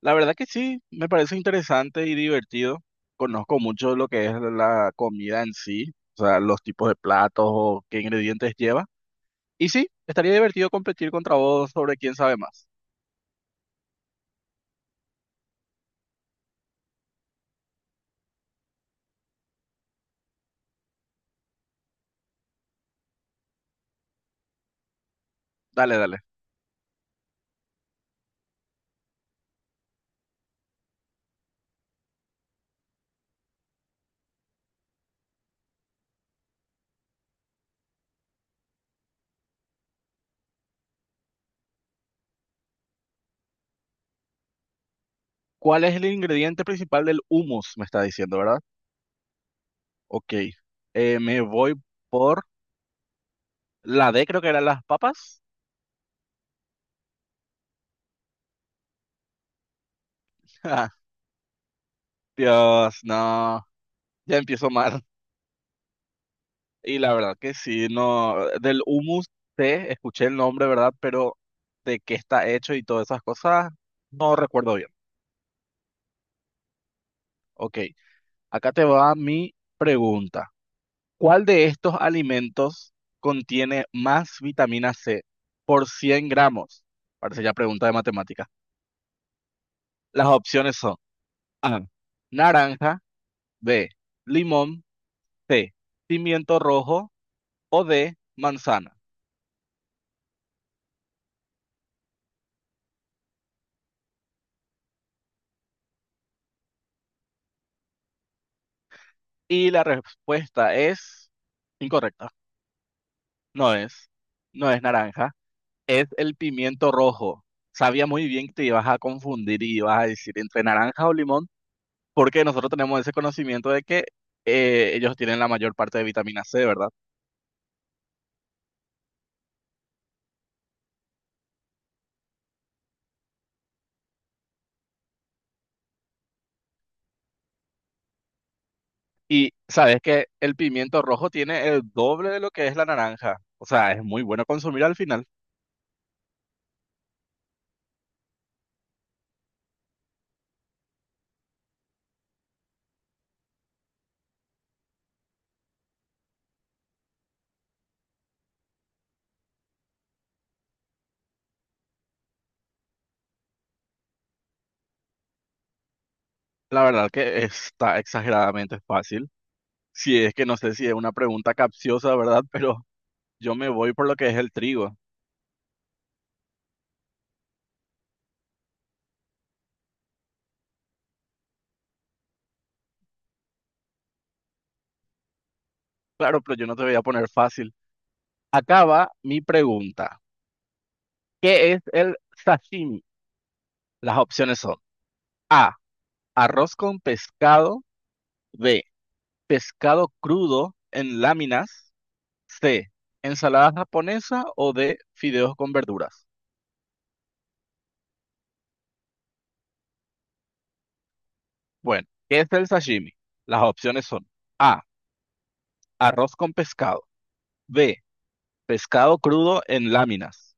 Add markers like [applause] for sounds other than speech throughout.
La verdad que sí, me parece interesante y divertido. Conozco mucho lo que es la comida en sí, o sea, los tipos de platos o qué ingredientes lleva. Y sí, estaría divertido competir contra vos sobre quién sabe más. Dale, dale. ¿Cuál es el ingrediente principal del hummus? Me está diciendo, ¿verdad? Ok. Me voy por la D, creo que eran las papas. [laughs] Dios, no. Ya empiezo mal. Y la verdad que sí, no, del humus té, escuché el nombre, ¿verdad? Pero de qué está hecho y todas esas cosas, no recuerdo bien. Ok, acá te va mi pregunta. ¿Cuál de estos alimentos contiene más vitamina C por 100 gramos? Parece ya pregunta de matemática. Las opciones son A, naranja, B, limón, C, pimiento rojo o D, manzana. Y la respuesta es incorrecta. No es, no es naranja, es el pimiento rojo. Sabía muy bien que te ibas a confundir y ibas a decir entre naranja o limón, porque nosotros tenemos ese conocimiento de que ellos tienen la mayor parte de vitamina C, ¿verdad? Y sabes que el pimiento rojo tiene el doble de lo que es la naranja. O sea, es muy bueno consumir al final. La verdad que está exageradamente fácil. Si es que no sé si es una pregunta capciosa, ¿verdad? [laughs] Pero yo me voy por lo que es el trigo. Claro, pero yo no te voy a poner fácil. Acaba mi pregunta. ¿Qué es el sashimi? Las opciones son A, arroz con pescado, B, pescado crudo en láminas, C, ensalada japonesa o D, fideos con verduras. Bueno, ¿qué es el sashimi? Las opciones son A, arroz con pescado, B, pescado crudo en láminas,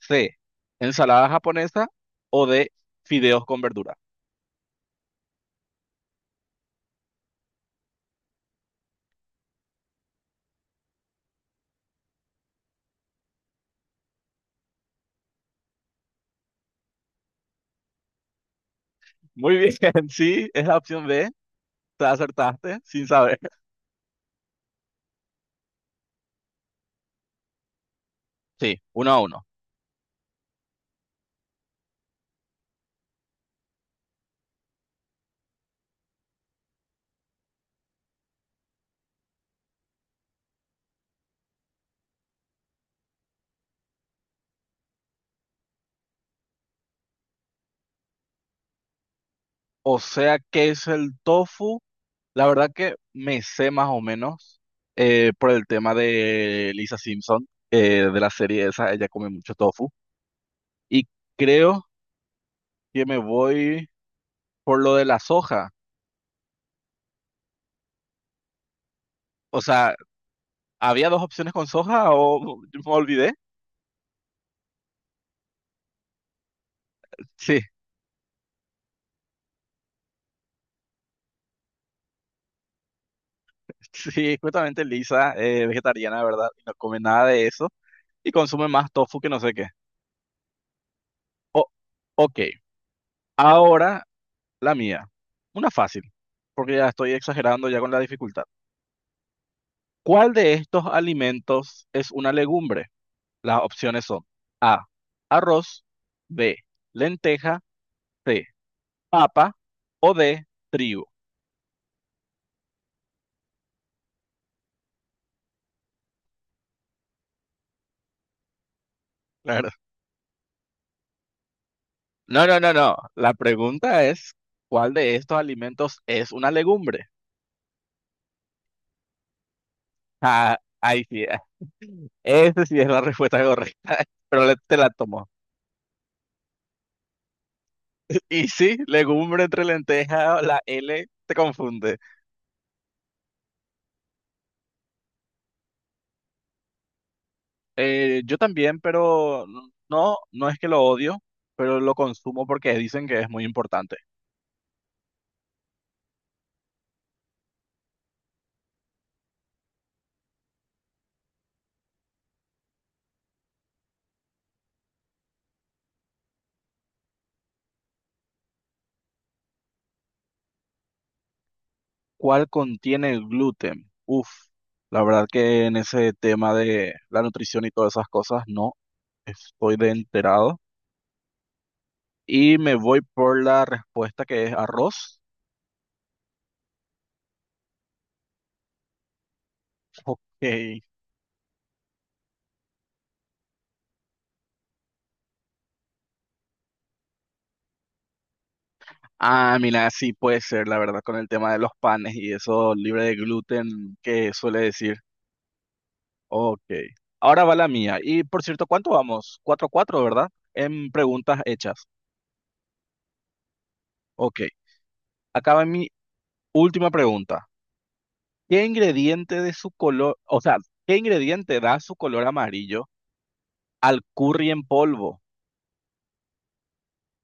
C, ensalada japonesa o D, fideos con verduras. Muy bien, [laughs] sí, es la opción B, te acertaste sin saber. Sí, uno a uno. O sea, ¿qué es el tofu? La verdad que me sé más o menos por el tema de Lisa Simpson, de la serie esa, ella come mucho tofu. Y creo que me voy por lo de la soja. O sea, ¿había dos opciones con soja o [laughs] yo me olvidé? Sí, [laughs] sí, justamente Lisa es vegetariana, ¿verdad? Y no come nada de eso y consume más tofu que no sé qué. O- ok, ahora la mía. Una fácil, porque ya estoy exagerando ya con la dificultad. ¿Cuál de estos alimentos es una legumbre? Las opciones son A, arroz, B, lenteja, C, papa o D, trigo. Claro. No, no, no, no. La pregunta es, ¿cuál de estos alimentos es una legumbre? Ah, ahí sí. Esa sí es la respuesta correcta, [laughs] pero te la tomo. Y sí, legumbre entre lenteja, la L te confunde. Yo también, pero no, no es que lo odio, pero lo consumo porque dicen que es muy importante. ¿Cuál contiene gluten? Uf, la verdad que en ese tema de la nutrición y todas esas cosas no estoy de enterado. Y me voy por la respuesta que es arroz. [laughs] Ok. Ah, mira, sí puede ser, la verdad, con el tema de los panes y eso libre de gluten que suele decir. Ok. Ahora va la mía. Y por cierto, ¿cuánto vamos? 4 cuatro, ¿verdad? En preguntas hechas. Ok. Acá va mi última pregunta. ¿Qué ingrediente de su color, o sea, qué ingrediente da su color amarillo al curry en polvo?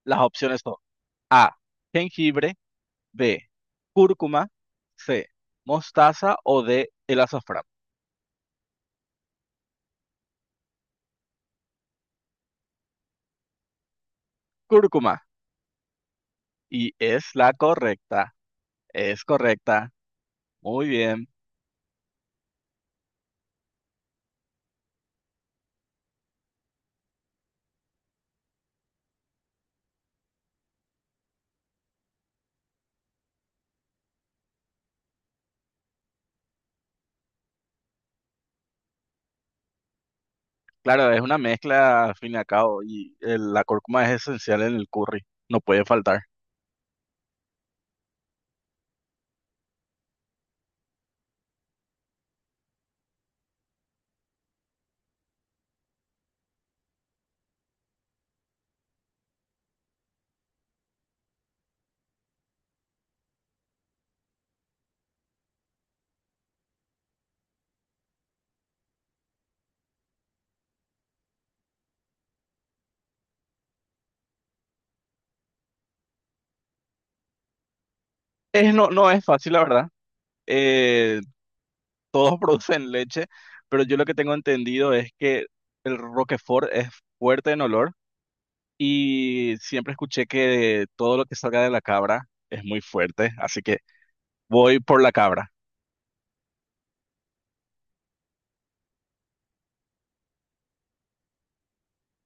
Las opciones son A, jengibre, B, cúrcuma, C, mostaza o D, el azafrán. Cúrcuma. Y es la correcta. Es correcta. Muy bien. Claro, es una mezcla al fin y al cabo y la cúrcuma es esencial en el curry, no puede faltar. Es, no, no es fácil, la verdad. Eh, todos [laughs] producen leche, pero yo lo que tengo entendido es que el Roquefort es fuerte en olor y siempre escuché que todo lo que salga de la cabra es muy fuerte, así que voy por la cabra.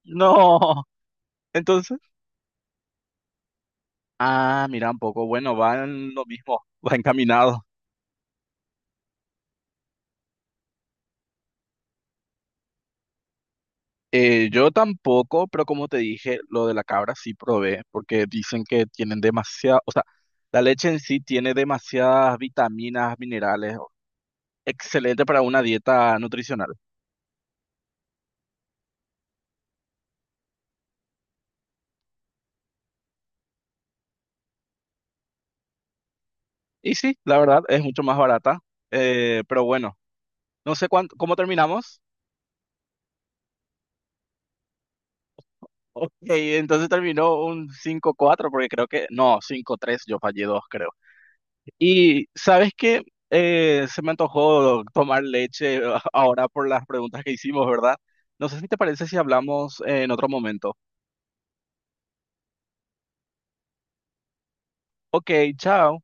No, [laughs] entonces, ah, mira un poco, bueno, van lo mismo, [laughs] va encaminado. Yo tampoco, pero como te dije, lo de la cabra sí probé, porque dicen que tienen demasiada, o sea, la leche en sí tiene demasiadas vitaminas, minerales, excelente para una dieta nutricional. Y sí, la verdad, es mucho más barata, pero bueno, no sé cuánto, ¿cómo terminamos? Ok, entonces terminó un 5-4 porque creo que, no, 5-3 yo fallé dos, creo. Y sabes que se me antojó tomar leche [laughs] ahora por las preguntas que hicimos, ¿verdad? No sé si te parece si hablamos en otro momento. Ok, chao.